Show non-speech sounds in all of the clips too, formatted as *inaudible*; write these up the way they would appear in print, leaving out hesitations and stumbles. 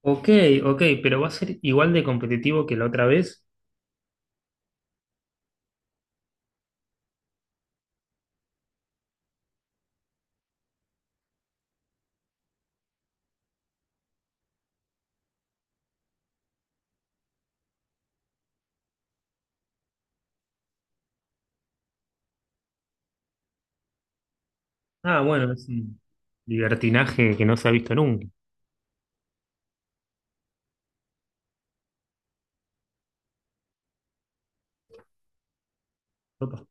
Ok, ok, pero va a ser igual de competitivo que la otra vez. Ah, bueno, es un libertinaje que no se ha visto nunca. Opa.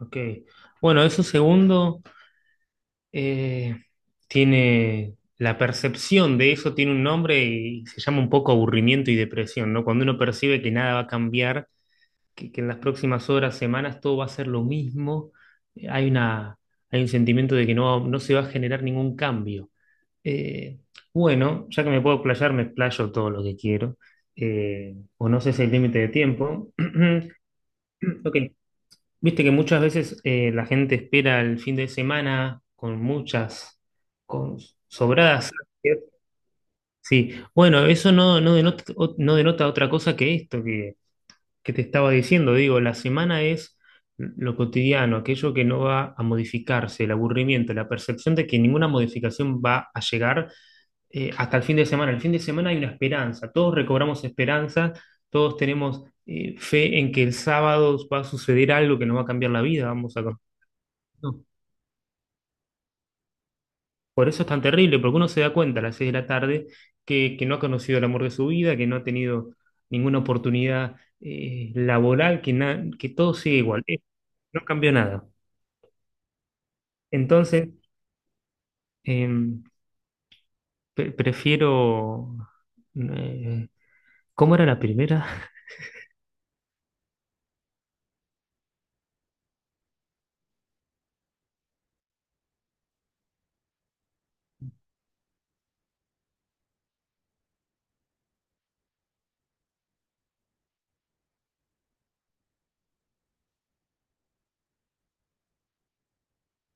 Ok. Bueno, eso segundo eh, tiene la percepción de eso tiene un nombre y se llama un poco aburrimiento y depresión, ¿no? Cuando uno percibe que nada va a cambiar, que en las próximas horas, semanas todo va a ser lo mismo, hay una, hay un sentimiento de que no, no se va a generar ningún cambio. Eh, bueno, ya que me puedo explayar, me explayo todo lo que quiero. O no sé si el límite de tiempo. *clears throat* Ok, viste que muchas veces la gente espera el fin de semana con muchas, con sobradas. Sí, bueno, eso no, no denota, no denota otra cosa que esto que te estaba diciendo. Digo, la semana es lo cotidiano, aquello que no va a modificarse, el aburrimiento, la percepción de que ninguna modificación va a llegar hasta el fin de semana. El fin de semana hay una esperanza, todos recobramos esperanza, todos tenemos fe en que el sábado va a suceder algo que nos va a cambiar la vida, vamos a conocer. No. Por eso es tan terrible, porque uno se da cuenta a las seis de la tarde que no ha conocido el amor de su vida, que no ha tenido ninguna oportunidad laboral, que todo sigue igual. No cambió nada. Entonces, em, prefiero... eh, ¿cómo era la primera?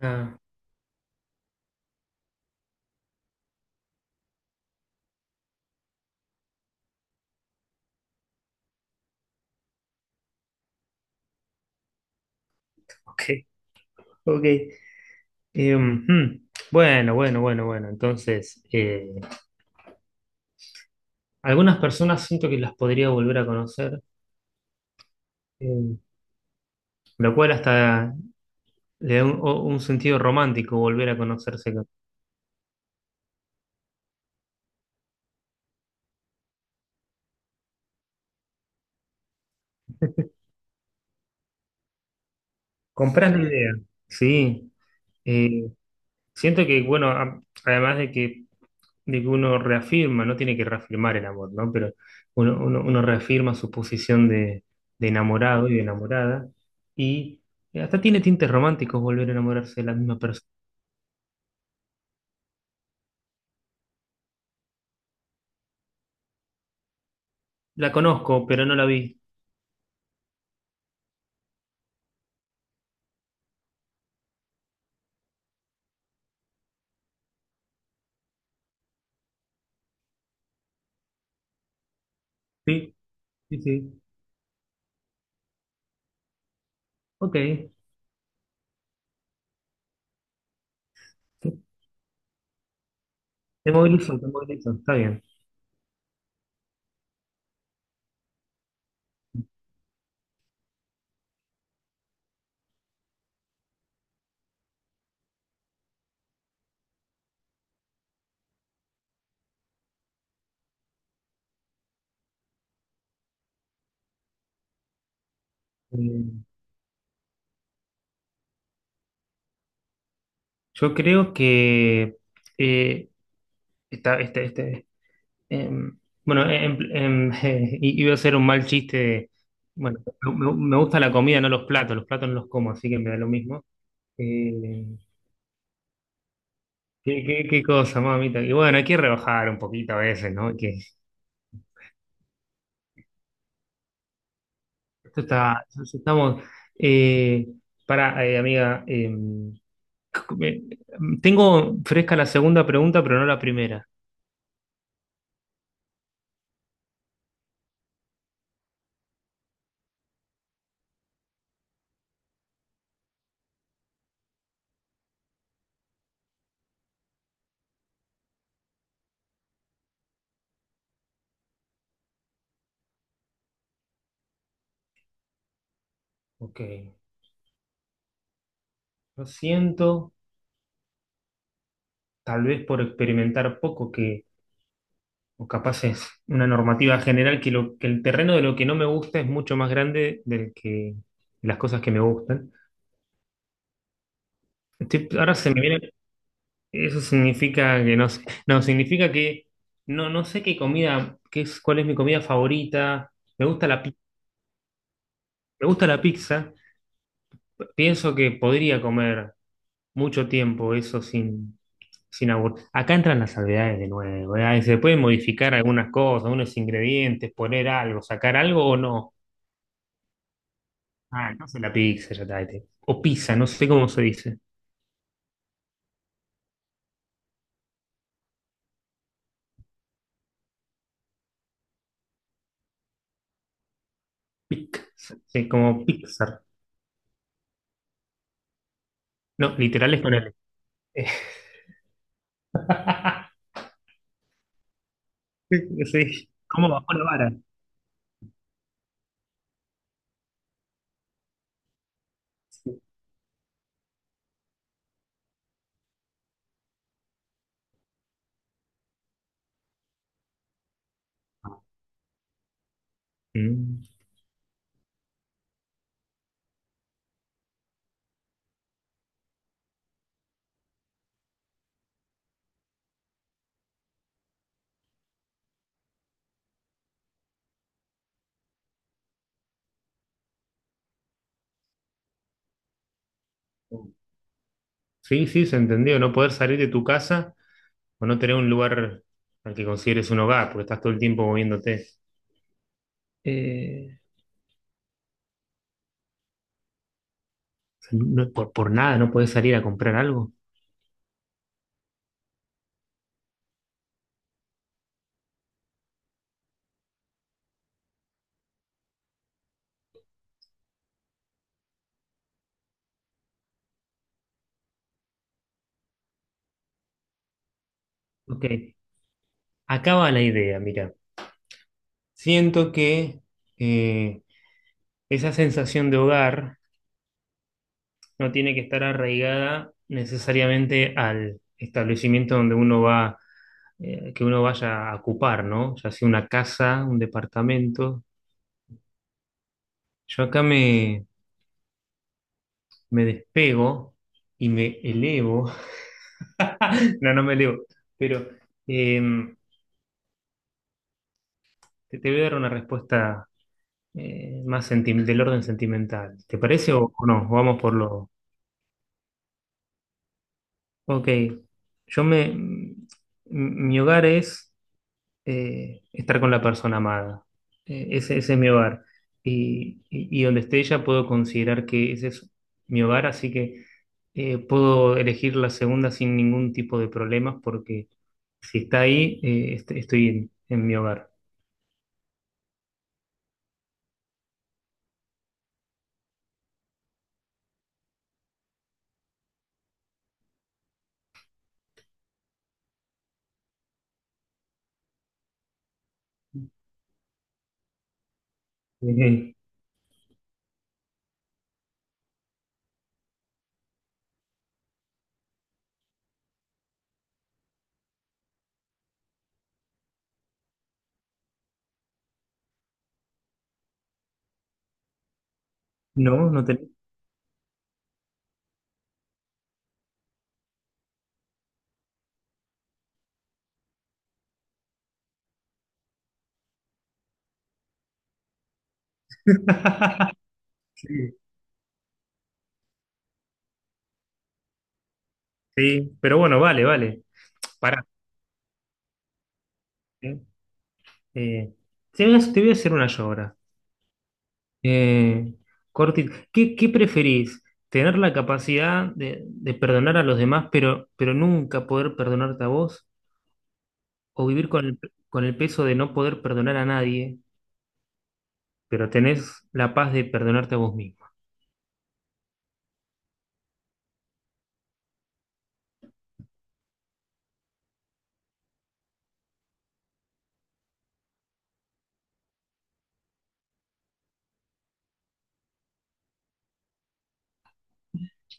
*laughs* Ah, ok, ok. Ujú. Bueno, bueno, bueno, bueno. Entonces, algunas personas siento que las podría volver a conocer, eh, lo cual hasta le da un sentido romántico volver a conocerse. Comprás la idea. Sí. Eh, Siento que, bueno, además de que uno reafirma, no tiene que reafirmar el amor, ¿no? Pero uno reafirma su posición de enamorado y de enamorada. Y hasta tiene tintes románticos volver a enamorarse de la misma persona. La conozco, pero no la vi. Sí, sí, sí. Ok. Te movilizó, te movilizó. Está bien. Eh, yo creo que eh, está, este, este, em, bueno, *laughs* iba a ser un mal chiste de... bueno, me gusta la comida, no los platos. Los platos no los como, así que me da lo mismo. Eh, qué cosa, mamita. Y bueno, hay que rebajar un poquito a veces, ¿no? Hay que esto está, estamos, eh, para, amiga, me- tengo fresca la segunda pregunta, pero no la primera. Ok, lo siento, tal vez por experimentar poco, que, o capaz es una normativa general, que, lo, que el terreno de lo que no me gusta es mucho más grande del que las cosas que me gustan. Estoy... ahora se me viene, eso significa que no sé, no, significa que no, no sé qué comida, qué es, cuál es mi comida favorita. Me gusta la, pi- me gusta la pizza. Pienso que podría comer mucho tiempo eso sin... Acá entran las salvedades de nuevo, ¿verdad? Y se pueden modificar algunas cosas, unos ingredientes, poner algo, sacar algo o no. Ah, entonces la pizza ya está. Este. O pizza, no sé cómo se dice. Pizza, sí, como Pixar. No, literal es con L. Eh, *laughs* sí, ¿cómo bajó la vara? Sí. Mm. Sí, sí, se entendió. No poder salir de tu casa o no tener un lugar al que consideres un hogar, porque estás todo el tiempo moviéndote. Eh, O sea, no, por nada no puedes salir a comprar algo. Ok, acá va la idea, mira. Siento que eh, esa sensación de hogar no tiene que estar arraigada necesariamente al establecimiento donde uno va, que uno vaya a ocupar, ¿no? Ya sea una casa, un departamento. Yo acá me, me despego y me elevo. *laughs* No, no me elevo, pero em, te voy a dar una respuesta más del orden sentimental. ¿Te parece o no? Vamos por lo... Ok, yo me... m- mi hogar es estar con la persona amada. Ese, ese es mi hogar. Y donde esté ella puedo considerar que ese es mi hogar, así que puedo elegir la segunda sin ningún tipo de problemas porque si está ahí, estoy en mi hogar. Eh, no, no tenés. *laughs* Sí, sí, pero bueno, vale, vale. Pará. Eh. Eh, te voy a hacer una yo ahora. Eh, qué preferís? ¿Tener la capacidad de perdonar a los demás, pero nunca poder perdonarte a vos? ¿O vivir con el peso de no poder perdonar a nadie, pero tenés la paz de perdonarte a vos mismo?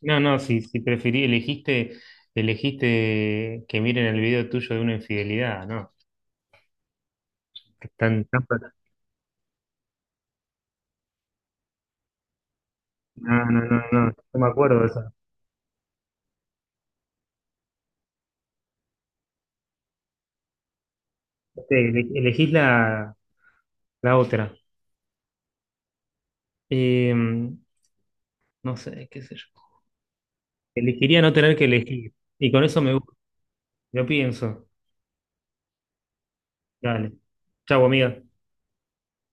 No, no, si preferí, elegiste, elegiste que miren el video tuyo de una infidelidad, ¿no? Están, tan no, no, no, no, no me acuerdo de esa. Sí, elegís la, la otra. Eh, No sé, qué sé yo. Elegiría no tener que elegir. Y con eso me gusta. Lo pienso. Dale. Chau, amiga.